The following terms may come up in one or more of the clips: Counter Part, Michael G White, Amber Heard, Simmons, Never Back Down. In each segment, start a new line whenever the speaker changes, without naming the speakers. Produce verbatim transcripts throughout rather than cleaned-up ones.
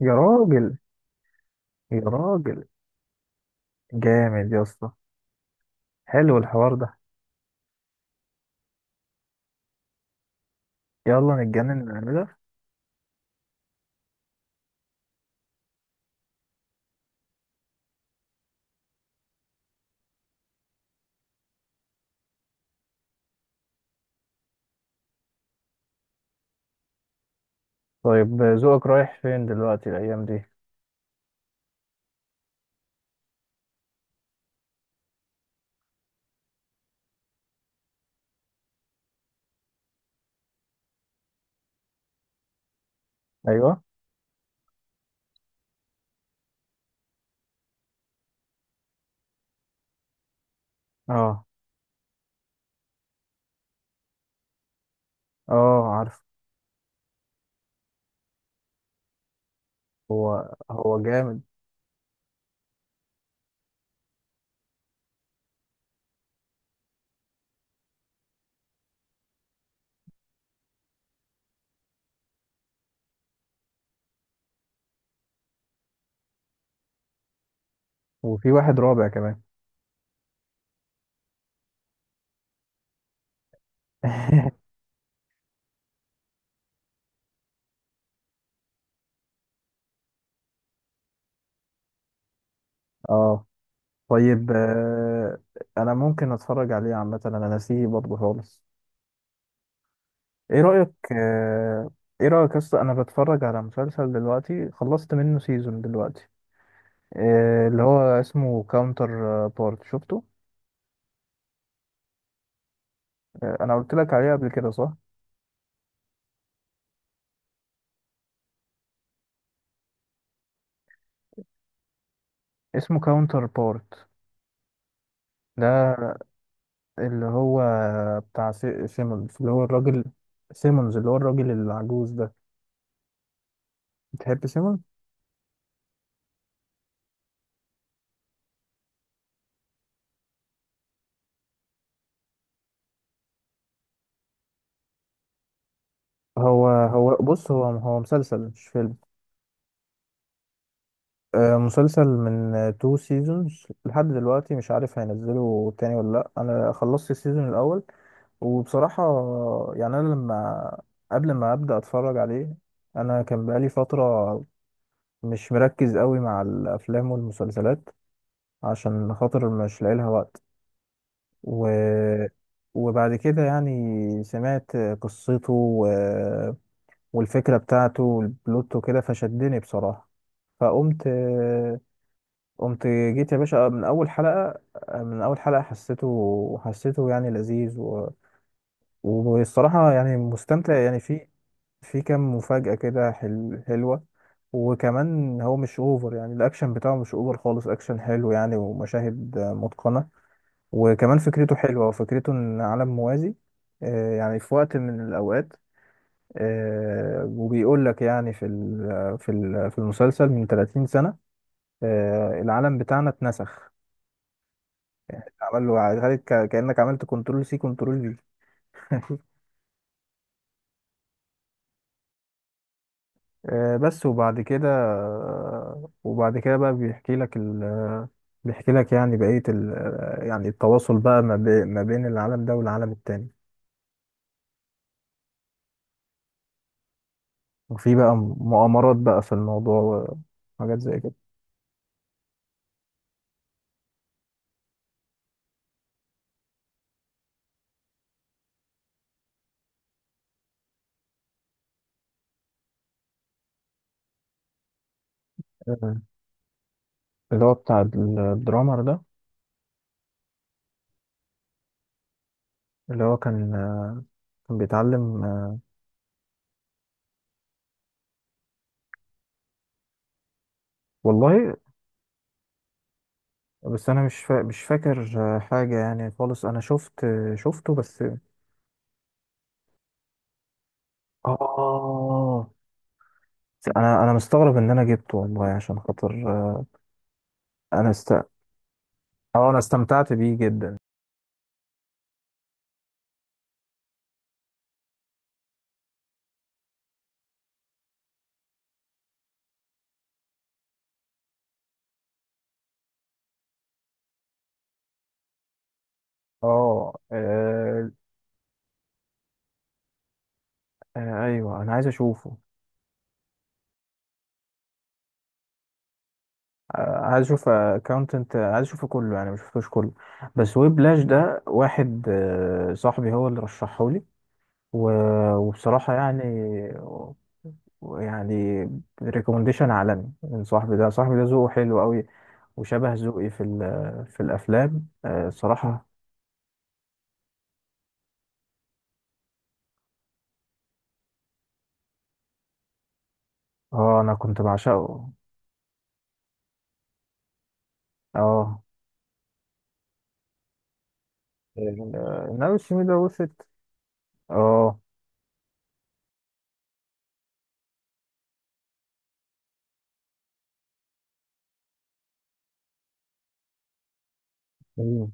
يا راجل. يا راجل، جامد يا اسطى. حلو الحوار ده. يلا نتجنن نعملها. طيب، ذوقك رايح فين دلوقتي الايام دي؟ ايوه. اه. اه، عارف. هو هو جامد. وفي واحد رابع كمان. اه. طيب، آه انا ممكن اتفرج عليه عامه، انا ناسيه برضه خالص. ايه رايك؟ آه ايه رايك يا اسطى؟ انا بتفرج على مسلسل دلوقتي، خلصت منه سيزون دلوقتي. آه اللي هو اسمه كاونتر بارت، شفته؟ انا قلت لك عليه قبل كده، صح؟ اسمه كاونتر بارت ده، اللي هو بتاع سي- سيمونز، اللي هو الراجل. سيمونز اللي هو الراجل العجوز ده. بتحب سيمونز؟ هو هو بص، هو هو مسلسل مش فيلم. آه، مسلسل من تو سيزونز لحد دلوقتي، مش عارف هينزله تاني ولا لا. انا خلصت السيزون الاول، وبصراحة يعني أنا لما قبل ما أبدأ أتفرج عليه، أنا كان بقالي فترة مش مركز قوي مع الأفلام والمسلسلات عشان خاطر مش لاقي لها وقت. و... وبعد كده يعني سمعت قصته، و... والفكرة بتاعته والبلوت وكده فشدني بصراحة. فقمت قمت، جيت يا باشا آه، من أول حلقة. آه، من أول حلقة حسيته حسيته يعني لذيذ. و... والصراحة يعني مستمتع يعني، في في كام مفاجأة كده حل... حلوة. وكمان هو مش اوفر، يعني الاكشن بتاعه مش اوفر خالص، اكشن حلو يعني، ومشاهد متقنة. وكمان فكرته حلوة، وفكرته إن عالم موازي. آه، يعني في وقت من الأوقات، آه، وبيقول لك يعني في ال- في ال- في المسلسل من ثلاتين سنة آه، العالم بتاعنا اتنسخ. عمل له، عملت ك- كأنك عملت كنترول سي كنترول في. آه، بس. وبعد كده، وبعد كده بقى بيحكي لك ال... بيحكي لك يعني بقية ال... آه، يعني التواصل بقى ما, بي... ما بين العالم ده والعالم التاني. وفي بقى مؤامرات بقى في الموضوع، وحاجات زي كده، اللي هو بتاع ال- الدرامر ده، اللي هو كان آه، كان بيتعلم آه، والله. بس انا مش فا... مش فاكر آه، حاجه يعني خالص. انا شفت آه، شفته بس. اه، انا انا مستغرب ان انا جبته والله، عشان خاطر آه، انا است... اه انا استمتعت بيه جدا. اه. آه، آه، ايوه، انا عايز اشوفه. آه، عايز اشوف اكاونتنت، عايز اشوفه كله يعني، مش شفتوش كله. بس ويبلاش ده واحد آه، صاحبي هو اللي رشحه لي. و- وبصراحة يعني، يعني ريكومنديشن عالمي من صاحبي ده. صاحبي ده ذوقه حلو قوي، وشبه ذوقي في ال- في الافلام آه، صراحة. اه، انا كنت بعشقه. اه. ال- آه، النبي السمين ده، وصلت. اه. مم.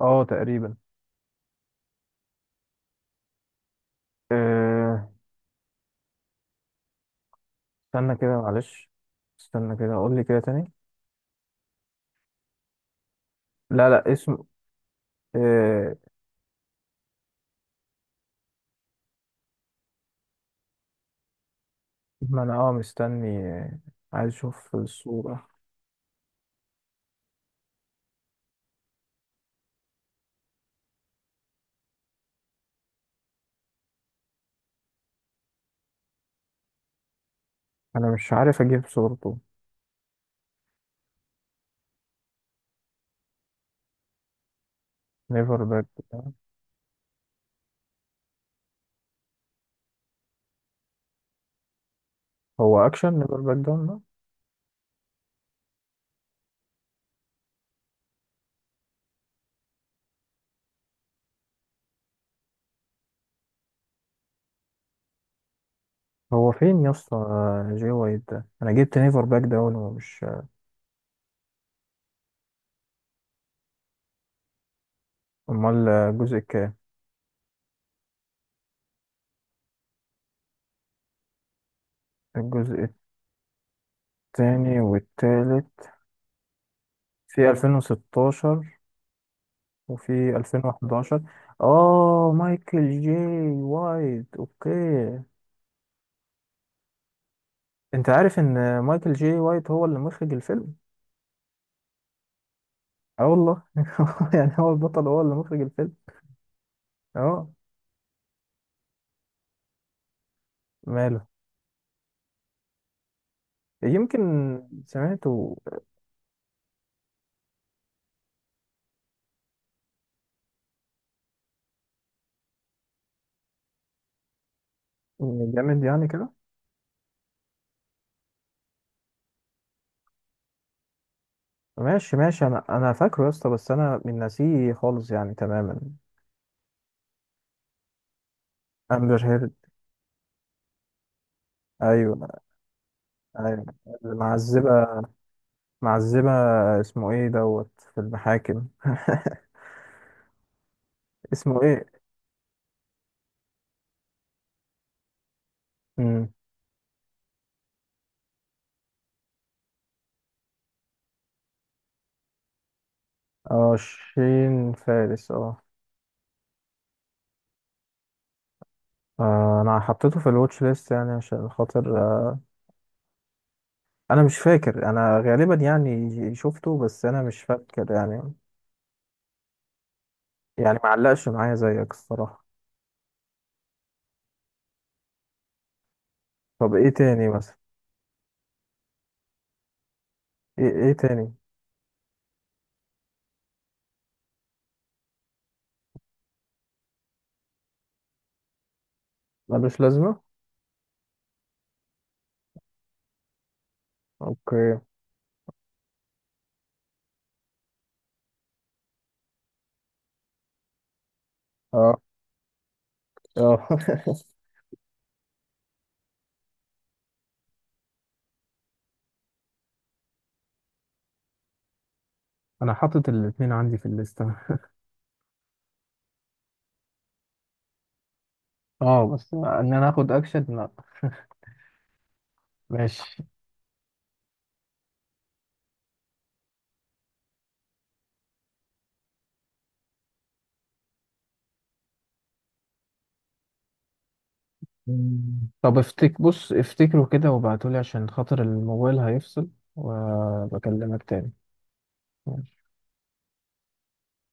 اه، تقريبا. آه، استنى كده معلش. استنى كده، اقول لي كده تاني. لا لا، اسم. آه، ما انا اه مستني آه، عايز اشوف الصورة. انا مش عارف اجيب صورته. نيفر باك داون. هو اكشن نيفر باك داون ده؟ هو فين يا اسطى آه، جي وايت ده؟ انا جبت نيفر باك داون ومش... امال آه، الجزء كام؟ الجزء التاني والتالت. في ألفين وستاشر وفي ألفين وحداشر. اه، مايكل جي وايت. اوكي. انت عارف ان مايكل جي وايت هو اللي مخرج الفيلم؟ اه والله يعني هو البطل هو اللي مخرج الفيلم. اه. ماله؟ يمكن سمعته. جامد يعني كده. ماشي، ماشي. انا انا فاكره يا اسطى، بس انا من ناسيه خالص يعني تماما. امبر هيرد. ايوه. ايوه. معذبه، معذبه. اسمه ايه دوت في المحاكم اسمه ايه؟ امم اه، شين فارس. اه. آه، انا حطيته في الواتش ليست يعني، عشان خاطر آه، انا مش فاكر. انا غالبا يعني شفته بس انا مش فاكر يعني. يعني معلقش معايا زيك الصراحه. طب ايه تاني مثلا؟ ايه ايه تاني؟ ملوش لازمه. اوكي. اه. اه انا حاطط الاتنين عندي في الليستة. اه بس ان انا اخد اكشن لا. ماشي. مم. طب افتك، بص افتكروا كده وابعتولي عشان خاطر الموبايل هيفصل، وبكلمك تاني.